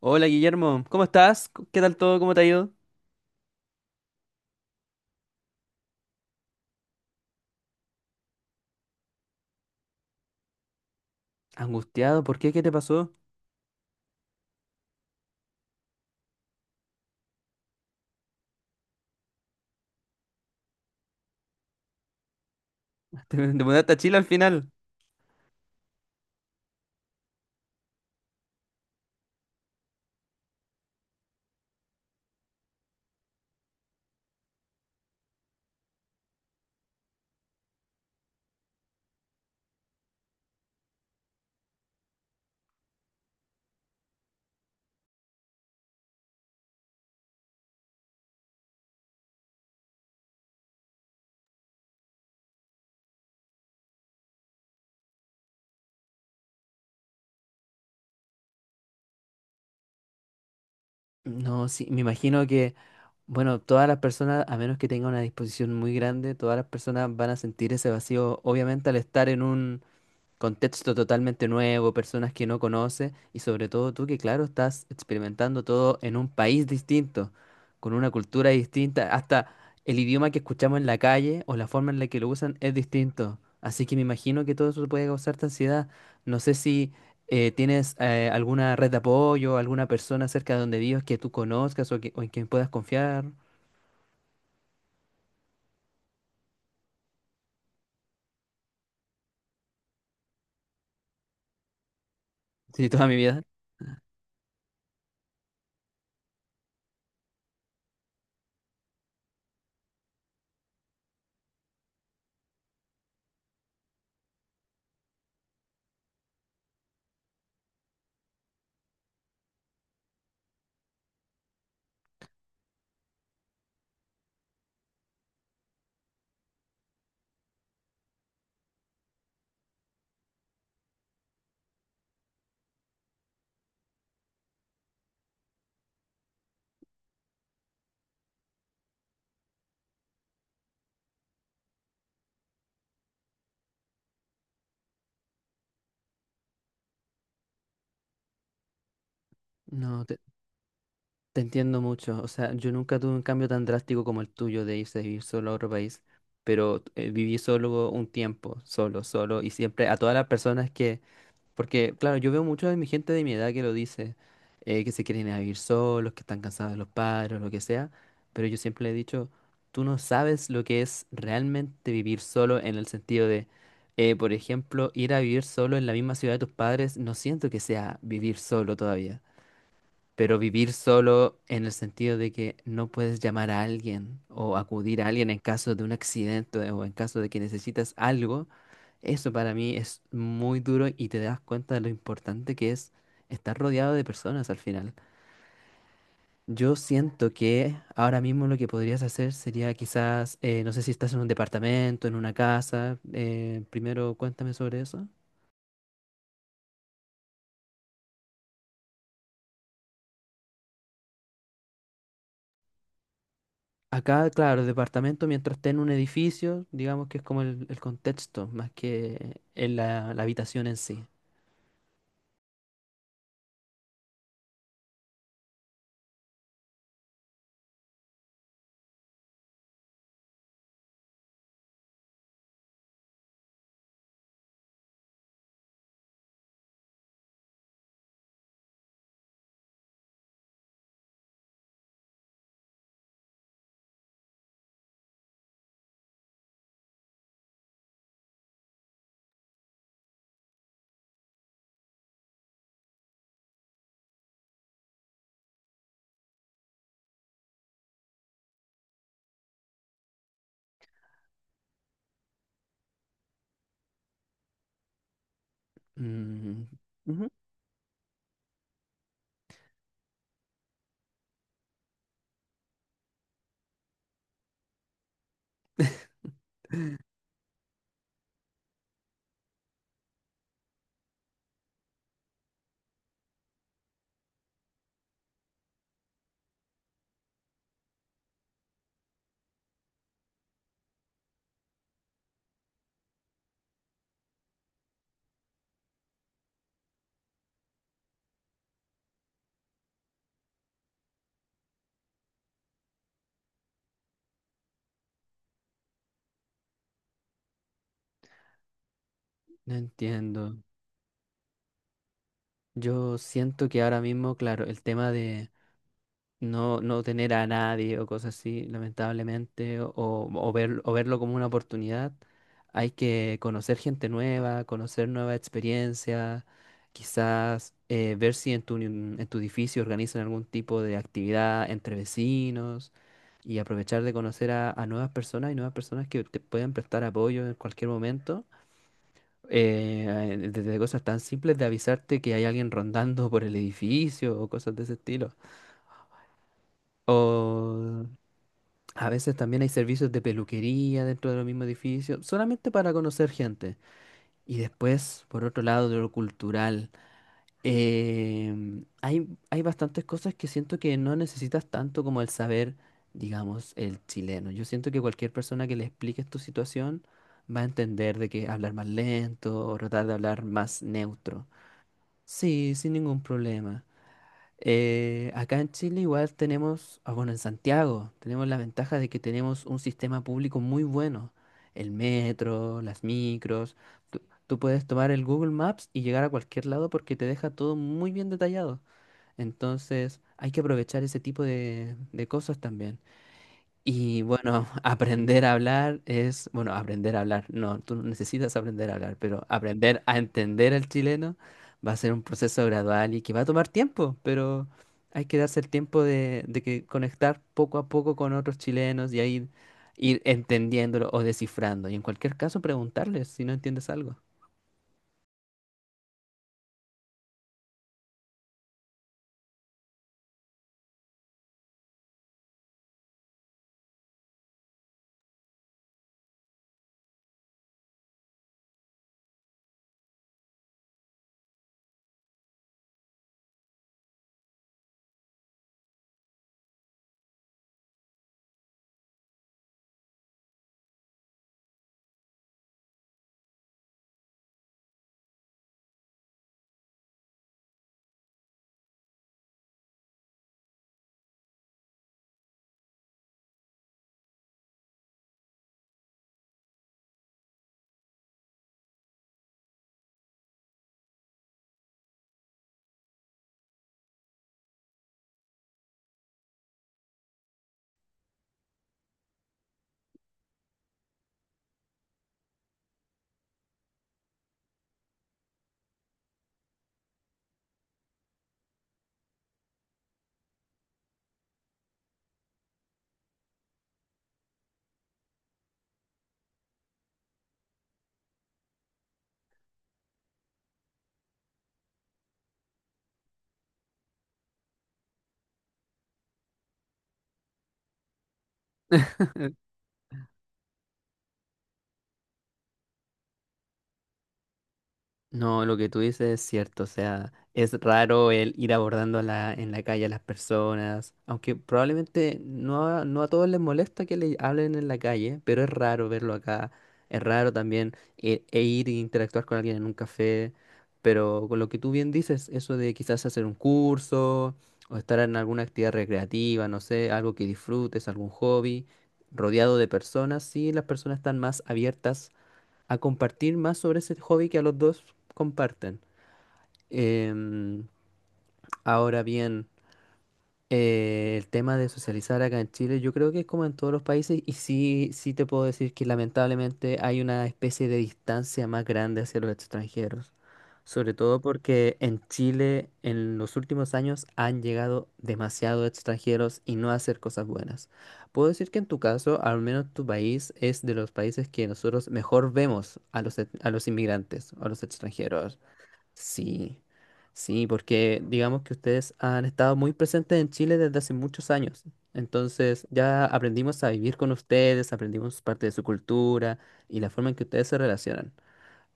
Hola Guillermo, ¿cómo estás? ¿Qué tal todo? ¿Cómo te ha ido? Angustiado, ¿por qué? ¿Qué te pasó? ¿Te mudaste a Chile al final? No, sí, me imagino que, bueno, todas las personas, a menos que tengan una disposición muy grande, todas las personas van a sentir ese vacío, obviamente, al estar en un contexto totalmente nuevo, personas que no conoces y sobre todo tú que claro estás experimentando todo en un país distinto, con una cultura distinta, hasta el idioma que escuchamos en la calle o la forma en la que lo usan es distinto. Así que me imagino que todo eso puede causarte ansiedad. No sé si tienes alguna red de apoyo, alguna persona cerca de donde vives que tú conozcas o, o en quien puedas confiar. Sí, toda mi vida. No. Te entiendo mucho, o sea, yo nunca tuve un cambio tan drástico como el tuyo de irse a vivir solo a otro país, pero viví solo un tiempo, solo, solo, y siempre a todas las personas que, porque claro, yo veo mucho de mi gente de mi edad que lo dice, que se quieren ir a vivir solos, que están cansados de los padres, lo que sea, pero yo siempre le he dicho, tú no sabes lo que es realmente vivir solo en el sentido de, por ejemplo, ir a vivir solo en la misma ciudad de tus padres, no siento que sea vivir solo todavía. Pero vivir solo en el sentido de que no puedes llamar a alguien o acudir a alguien en caso de un accidente o en caso de que necesitas algo, eso para mí es muy duro y te das cuenta de lo importante que es estar rodeado de personas al final. Yo siento que ahora mismo lo que podrías hacer sería quizás, no sé si estás en un departamento, en una casa. Primero cuéntame sobre eso. Acá, claro, el departamento mientras esté en un edificio, digamos que es como el contexto, más que en la habitación en sí. Mm. Ujú. No entiendo. Yo siento que ahora mismo, claro, el tema de no tener a nadie o cosas así, lamentablemente, o verlo como una oportunidad. Hay que conocer gente nueva, conocer nuevas experiencias, quizás ver si en en tu edificio organizan algún tipo de actividad entre vecinos y aprovechar de conocer a, nuevas personas y nuevas personas que te pueden prestar apoyo en cualquier momento. Eh, Desde cosas tan simples de avisarte que hay alguien rondando por el edificio o cosas de ese estilo. O a veces también hay servicios de peluquería dentro del mismo edificio solamente para conocer gente. Y después, por otro lado, de lo cultural, hay bastantes cosas que siento que no necesitas tanto como el saber, digamos, el chileno. Yo siento que cualquier persona que le expliques tu situación va a entender de que hablar más lento o tratar de hablar más neutro. Sí, sin ningún problema. Acá en Chile igual tenemos, bueno, en Santiago tenemos la ventaja de que tenemos un sistema público muy bueno, el metro, las micros, tú, tú puedes tomar el Google Maps y llegar a cualquier lado porque te deja todo muy bien detallado. Entonces hay que aprovechar ese tipo de cosas también. Y bueno, aprender a hablar es, bueno, aprender a hablar, no, tú no necesitas aprender a hablar, pero aprender a entender al chileno va a ser un proceso gradual y que va a tomar tiempo, pero hay que darse el tiempo de, que conectar poco a poco con otros chilenos y ahí ir entendiéndolo o descifrando. Y en cualquier caso, preguntarles si no entiendes algo. No, lo que tú dices es cierto, o sea, es raro el ir abordando a en la calle a las personas, aunque probablemente no a todos les molesta que le hablen en la calle, pero es raro verlo acá, es raro también e ir e interactuar con alguien en un café, pero con lo que tú bien dices, eso de quizás hacer un curso o estar en alguna actividad recreativa, no sé, algo que disfrutes, algún hobby, rodeado de personas, sí, las personas están más abiertas a compartir más sobre ese hobby que a los dos comparten. Em, Ahora bien, el tema de socializar acá en Chile, yo creo que es como en todos los países y sí, sí te puedo decir que lamentablemente hay una especie de distancia más grande hacia los extranjeros, sobre todo porque en Chile en los últimos años han llegado demasiados extranjeros y no a hacer cosas buenas. Puedo decir que en tu caso, al menos tu país es de los países que nosotros mejor vemos a los, a los inmigrantes, a los extranjeros. Sí, sí, porque digamos que ustedes han estado muy presentes en Chile desde hace muchos años. Entonces ya aprendimos a vivir con ustedes, aprendimos parte de su cultura y la forma en que ustedes se relacionan.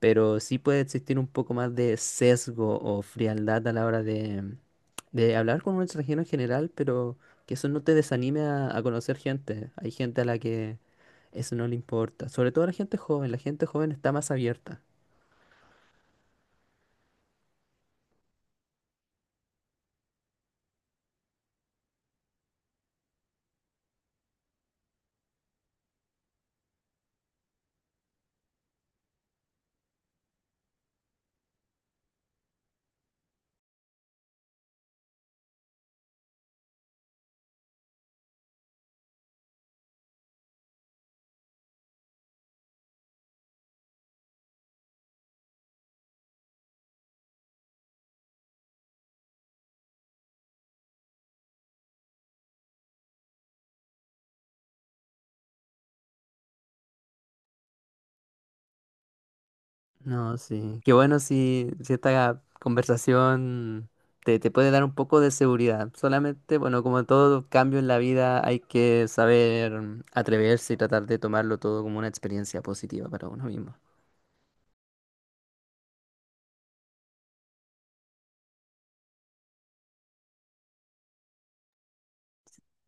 Pero sí puede existir un poco más de sesgo o frialdad a la hora de, hablar con un extranjero en general, pero que eso no te desanime a, conocer gente. Hay gente a la que eso no le importa. Sobre todo a la gente joven está más abierta. No, sí. Qué bueno si, esta conversación te, puede dar un poco de seguridad. Solamente, bueno, como todo cambio en la vida, hay que saber, atreverse y tratar de tomarlo todo como una experiencia positiva para uno mismo.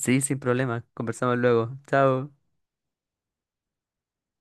Sí, sin problema. Conversamos luego. Chao.